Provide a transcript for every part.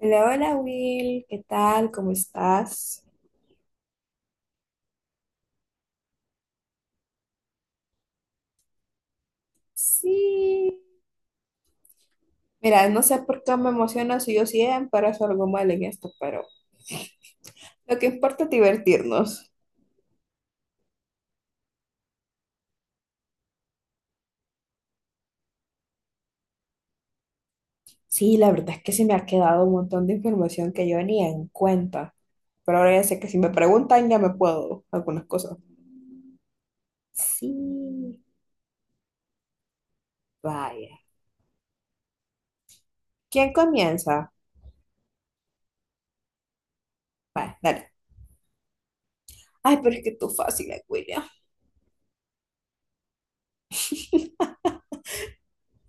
Hola, hola Will, ¿qué tal? ¿Cómo estás? Sí. Mira, no sé por qué me emociono si yo siempre hago algo mal en esto, pero lo que importa es divertirnos. Sí, la verdad es que se me ha quedado un montón de información que yo ni en cuenta, pero ahora ya sé que si me preguntan ya me puedo algunas cosas. Sí, vaya. ¿Quién comienza? Vaya, dale. Ay, pero es que tú fácil, William.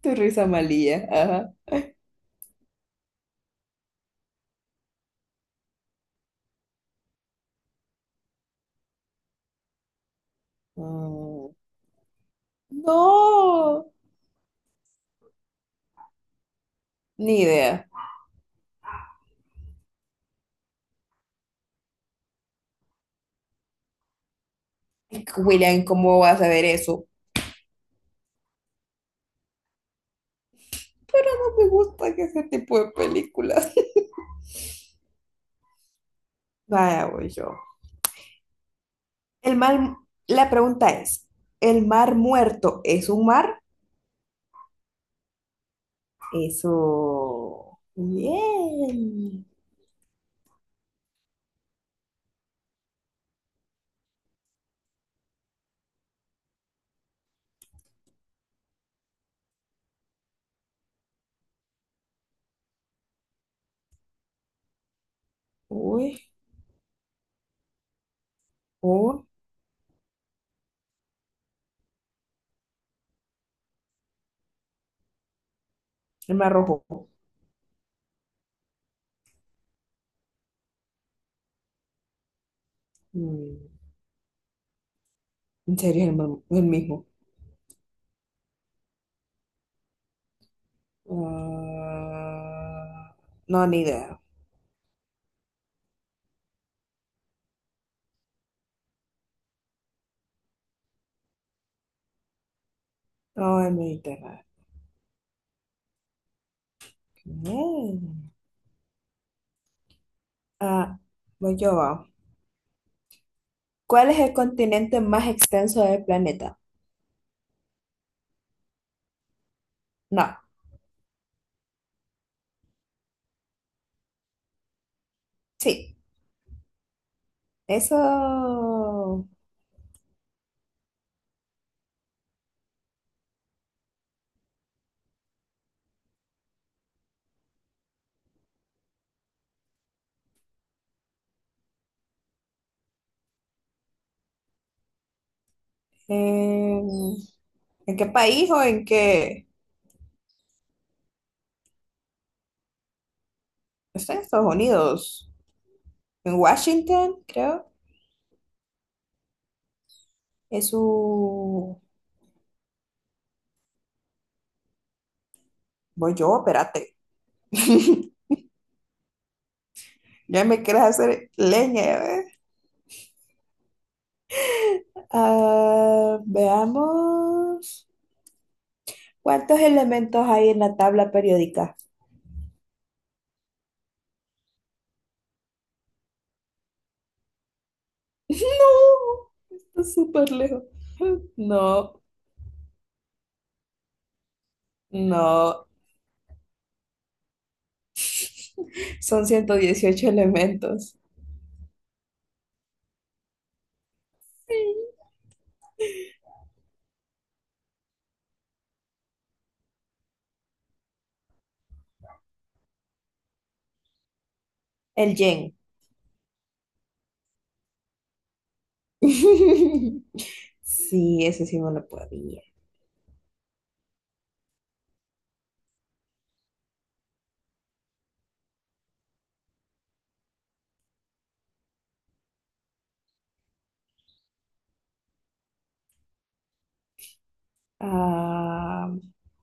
Tu risa malilla, ajá. Mm. No, ni idea. William, ¿cómo vas a ver eso? No me gusta ese tipo de películas. Vaya, voy yo. El mar, la pregunta es, ¿el mar muerto es un mar? Eso. Bien. Uy, uy, el mar rojo. Mm. ¿En serio es el, mar- el mismo? Ah, no, ni idea. No, el Mediterráneo. Bien. Ah, voy yo, va. ¿Cuál es el continente más extenso del planeta? No. Sí, eso. em, ¿En qué país o en qué? Está en Estados Unidos, en Washington, creo. Es su. Voy yo, espérate. Ya me quieres hacer leña, ya ves. Ah, veamos. ¿Cuántos elementos hay en la tabla periódica? No, está súper lejos. No, no. Son 118 elementos. Sí. El yen. Sí, ese sí no lo podía. Ah,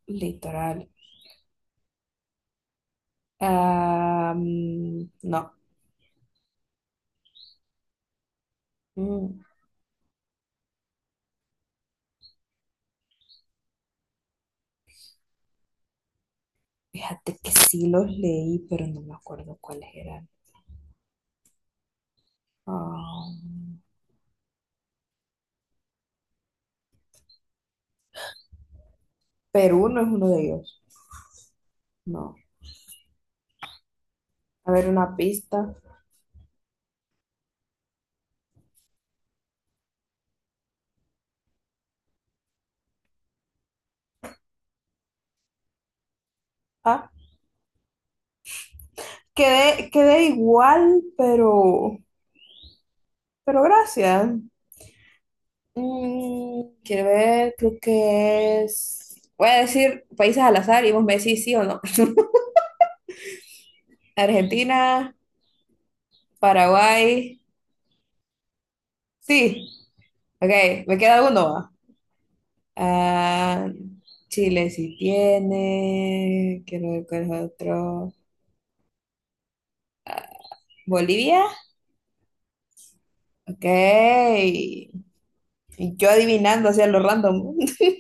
litoral. Ah, no. Mm. Fíjate que sí los leí, pero no me acuerdo cuáles eran. Ah, Perú no es uno de ellos. No. A ver, una pista. Ah, quedé igual, pero gracias. Mm, quiero ver, creo que es. Voy a decir países al azar y vos me decís sí o no. Argentina, Paraguay. Sí, ok, me queda alguno va. Ah, Chile sí tiene. Quiero ver cuál es otro. Bolivia, ok. Y yo adivinando hacia lo random.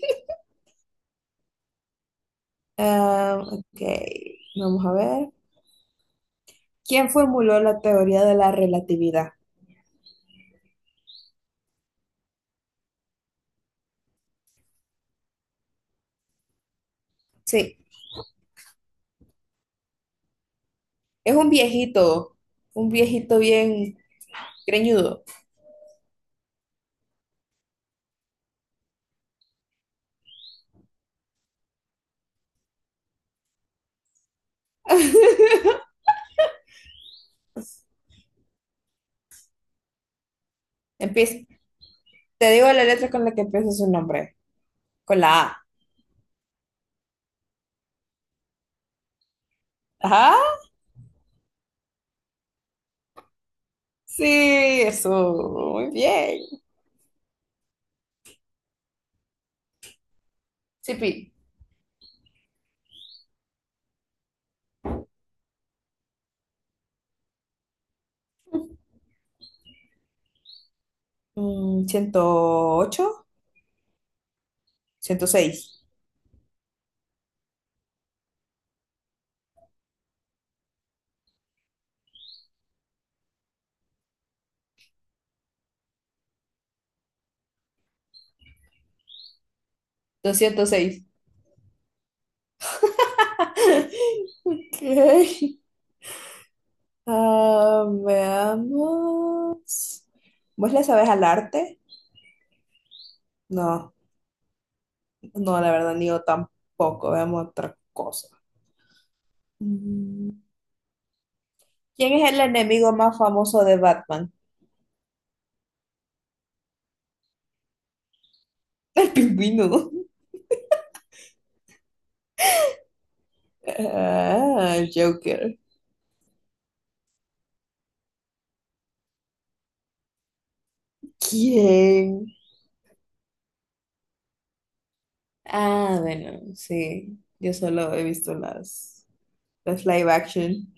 Ah, ok, vamos a ver. ¿Quién formuló la teoría de la relatividad? Sí, es un viejito bien greñudo. Empieza, te digo la letra con la que empieza su nombre, con la A. Ajá. Sí, eso, muy bien. Sipi, mm, 108, 106, 206. Ok. Ah, veamos. ¿Vos le sabes al arte? No, no, la verdad, ni yo tampoco. Veamos otra cosa. Mm. ¿Quién es el enemigo más famoso de Batman? El pingüino. Ah, el Joker. ¿Quién? Ah, bueno, sí. Yo solo he visto las. Las live action.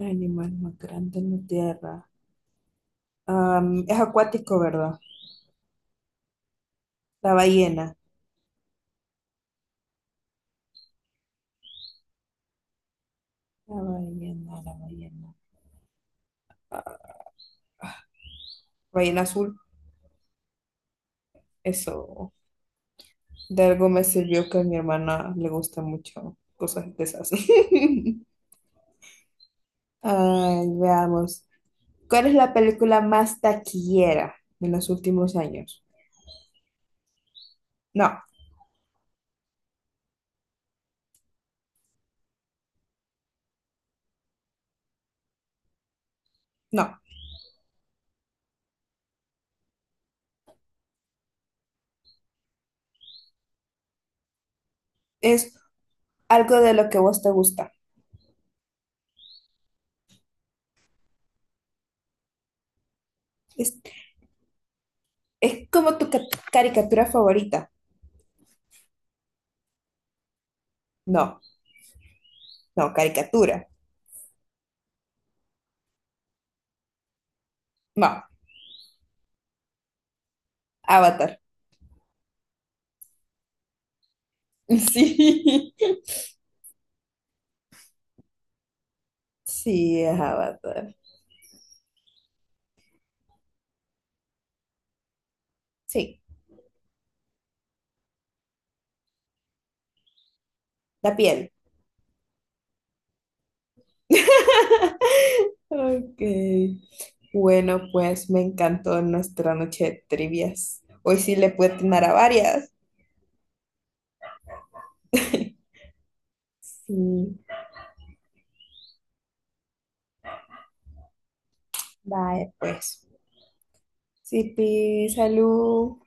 Animal más grande en la tierra. ¿Es acuático, verdad? La ballena. La ballena. Ah, ballena azul. Eso. De algo me sirvió que a mi hermana le gusta mucho cosas de esas. Ay, veamos. ¿Cuál es la película más taquillera de los últimos años? No, no. Es algo de lo que vos te gusta. Es, es como tu caricatura favorita. No, no, caricatura. No. Avatar. Sí, sí, es Avatar. Sí, la piel. Ok. Bueno, pues me encantó nuestra noche de trivias. Hoy sí le puedo atinar a varias. Sí, vale, pues. Sipi, salud.